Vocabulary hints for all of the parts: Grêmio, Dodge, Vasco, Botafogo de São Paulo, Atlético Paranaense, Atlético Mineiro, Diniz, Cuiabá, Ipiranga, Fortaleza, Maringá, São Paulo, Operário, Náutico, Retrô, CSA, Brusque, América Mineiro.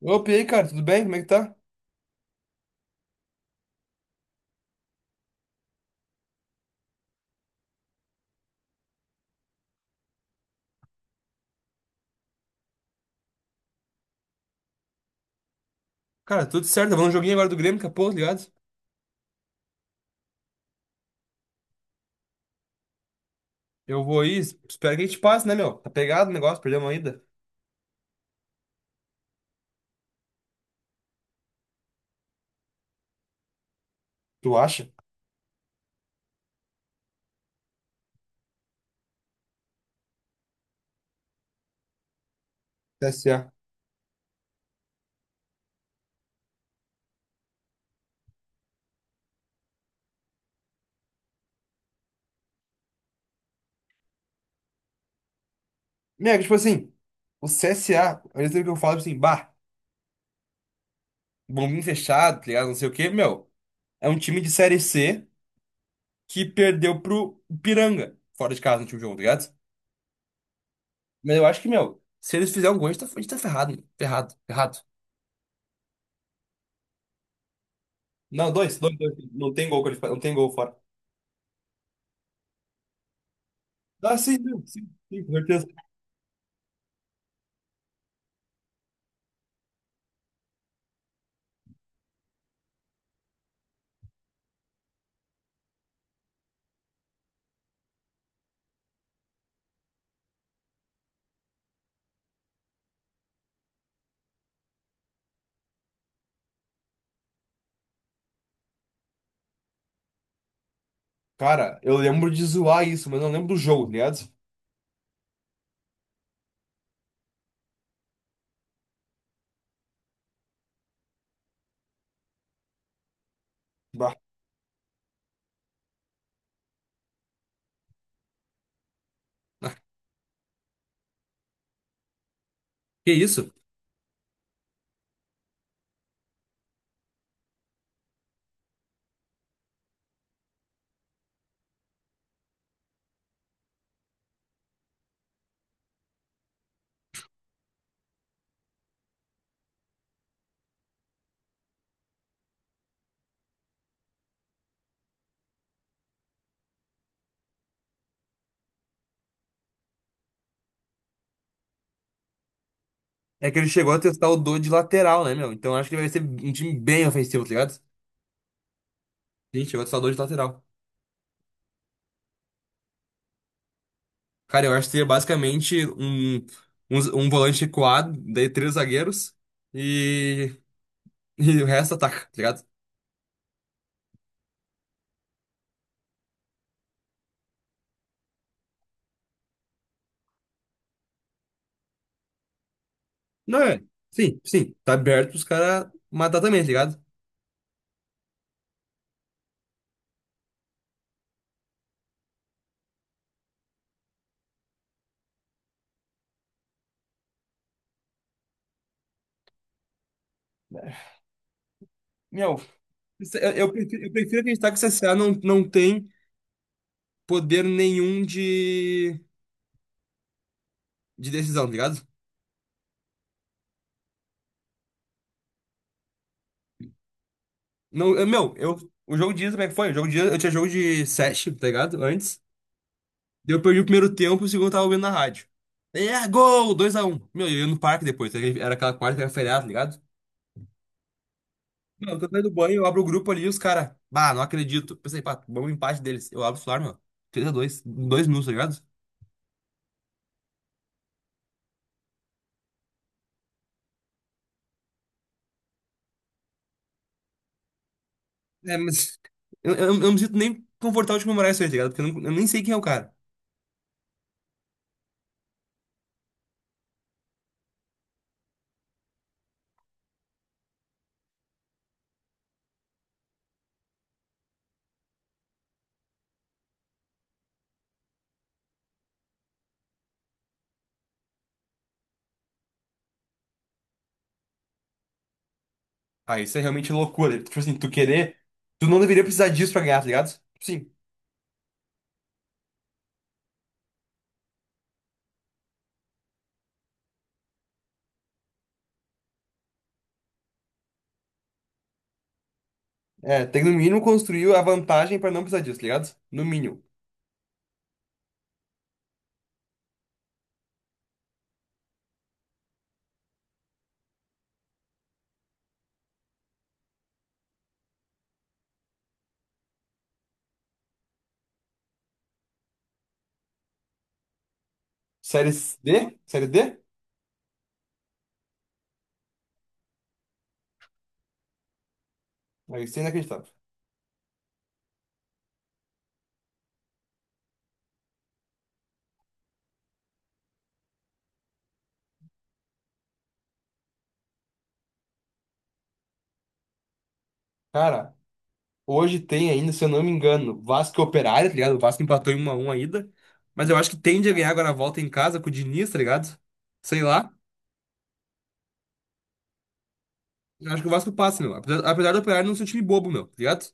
Opa, e aí, cara, tudo bem? Como é que tá? Cara, tudo certo. Vamos no joguinho agora do Grêmio, daqui a pouco, tá ligado? Eu vou aí, espero que a gente passe, né, meu? Tá pegado o negócio, perdemos ainda. Tu acha? CSA. Meu, é que, tipo assim, o C S A, ao mesmo tempo que eu falo, tipo assim, bah, bombinho fechado, tá ligado? Não sei o quê, meu. É um time de Série C que perdeu pro Ipiranga, fora de casa no último jogo, tá ligado? Mas eu acho que, meu, se eles fizerem um gol, a gente tá ferrado, meu. Ferrado, ferrado. Não, dois, dois, dois. Não tem gol qualificado, não tem gol fora. Ah, sim, não, sim, sim, com certeza. Cara, eu lembro de zoar isso, mas não lembro do jogo, tá ligado? Bah. Que isso? É que ele chegou a testar o Dodge de lateral, né, meu? Então eu acho que ele vai ser um time bem ofensivo, tá ligado? Ele chegou a testar o Dodge de lateral. Cara, eu acho que seria basicamente um volante recuado, daí três zagueiros e, e o resto ataca, tá ligado? Não é? Sim, sim. Tá aberto pros caras matar também, tá ligado? Meu, eu prefiro acreditar que o CSA não tem poder nenhum de decisão, tá ligado? Não, meu, o jogo de ida, como é que foi? O jogo de ida, eu tinha jogo de sete, tá ligado? Antes. Daí eu perdi o primeiro tempo, o segundo eu tava ouvindo na rádio. É, gol! 2-1. Meu, eu ia no parque depois, era aquela quarta que era feriado, tá ligado? Meu, eu tô saindo do banho, eu abro o grupo ali e os caras. Bah, não acredito. Pensei, pá, vamos empate deles. Eu abro o celular, meu. 3x2, em 2 minutos, tá ligado? É, mas. Eu não me sinto nem confortável de comemorar isso aí, tá ligado? Porque eu nem sei quem é o cara. Ah, isso é realmente loucura. Tipo assim, tu querer. Tu não deveria precisar disso pra ganhar, tá ligado? Sim. É, tem que no mínimo construir a vantagem pra não precisar disso, tá ligado? No mínimo. Série D? Série D? Aí, isso é inacreditável. Cara, hoje tem ainda, se eu não me engano, Vasco e Operário, tá ligado? O Vasco empatou em 1x1 ainda. Mas eu acho que tende a ganhar agora a volta em casa com o Diniz, tá ligado? Sei lá. Eu acho que o Vasco passa, meu. Apesar do Operário não ser um time bobo, meu, tá ligado?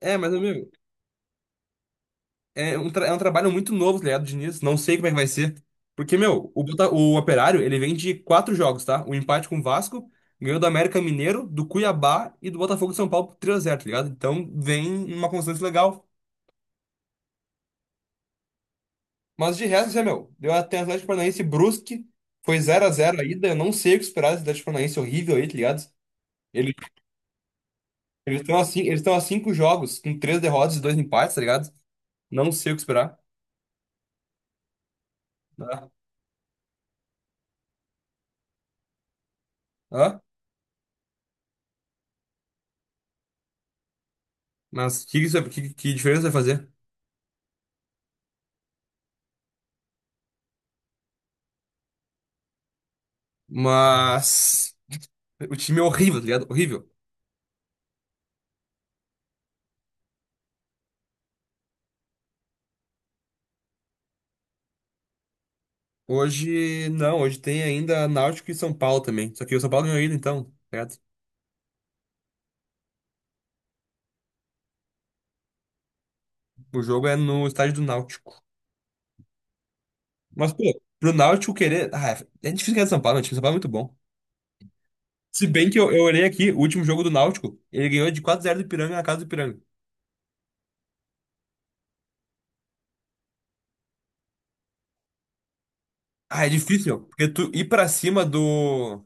É, mas, meu, é um trabalho muito novo, tá ligado, Diniz? Não sei como é que vai ser. Porque, meu, o Operário, ele vem de quatro jogos, tá? O empate com o Vasco, ganhou do América Mineiro, do Cuiabá e do Botafogo de São Paulo por 3-0, tá ligado? Então, vem uma constância legal. Mas de resto, é, meu, deu até Atlético Paranaense e Brusque, foi 0-0 a ida, eu não sei o que esperar desse Atlético Paranaense horrível aí, tá ligado? Ele- Eles estão a cinco jogos, com três derrotas e dois empates, tá ligado? Não sei o que esperar. Ah, ah, mas que diferença vai fazer? Mas o time é horrível, tá ligado? Horrível. Hoje, não, hoje tem ainda Náutico e São Paulo também. Só que o São Paulo ganhou ainda, então, tá ligado? O jogo é no estádio do Náutico. Mas, pô, pro Náutico querer. Ah, é difícil ganhar do São Paulo, né? O time do São Paulo é muito bom. Se bem que eu olhei aqui, o último jogo do Náutico, ele ganhou de quatro x 0 do Ipiranga na casa do Ipiranga. Ah, é difícil, meu, porque tu ir pra cima do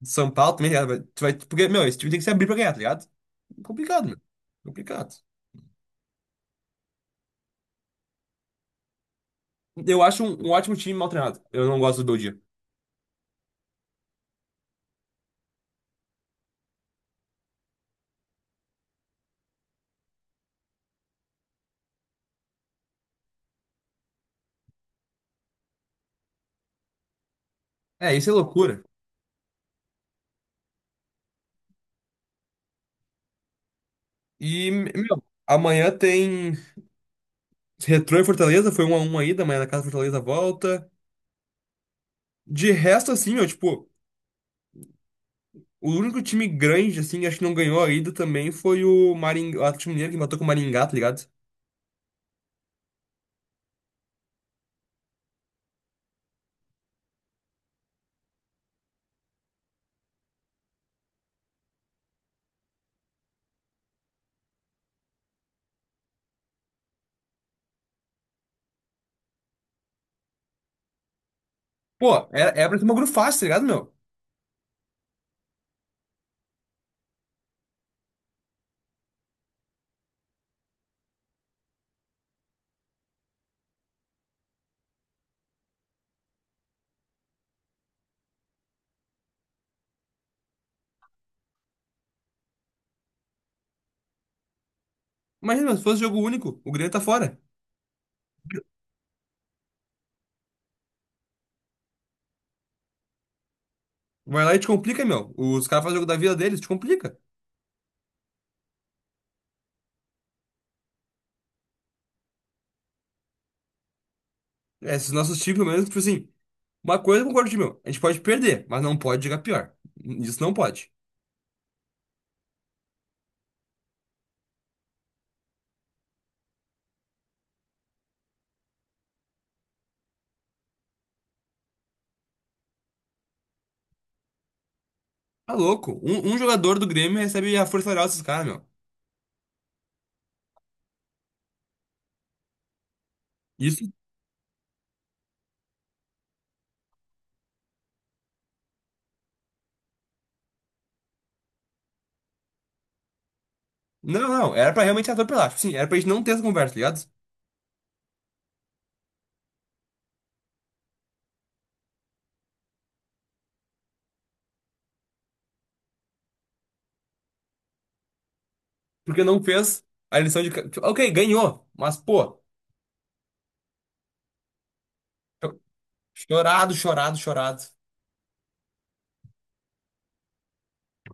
do São Paulo também, tá ligado? Tu vai, porque, meu, esse time tem que se abrir pra ganhar, tá ligado? Complicado, meu. Complicado. Eu acho um ótimo time mal treinado. Eu não gosto do Bom. É, isso é loucura. E, meu, amanhã tem Retrô e Fortaleza, foi 1-1 ainda, amanhã na casa do Fortaleza volta. De resto, assim, meu, tipo, o único time grande, assim, acho que não ganhou ainda também foi o Maringá, o Atlético Mineiro que matou com o Maringá, tá ligado? Pô, era pra ser uma grupo fácil, tá ligado, meu? Imagina, se fosse jogo único, o Grêmio tá fora. Vai lá e te complica, meu. Os caras fazem o jogo da vida deles, te complica. É, esses nossos times, pelo menos, tipo assim, uma coisa eu concordo, meu, a gente pode perder, mas não pode jogar pior. Isso não pode. Tá louco. Um jogador do Grêmio recebe a força salarial desses caras, meu. Isso. Não, não. Era pra realmente atropelar. Tipo, sim, era pra gente não ter essa conversa, tá ligado? Porque não fez a lição tipo, Ok, ganhou. Mas, pô, cho- chorado, chorado, chorado.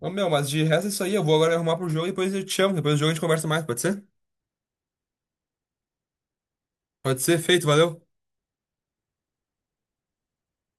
Ô, meu, mas de resto é isso aí. Eu vou agora arrumar pro jogo e depois eu te chamo. Depois do jogo a gente conversa mais, pode ser? Pode ser, feito, valeu.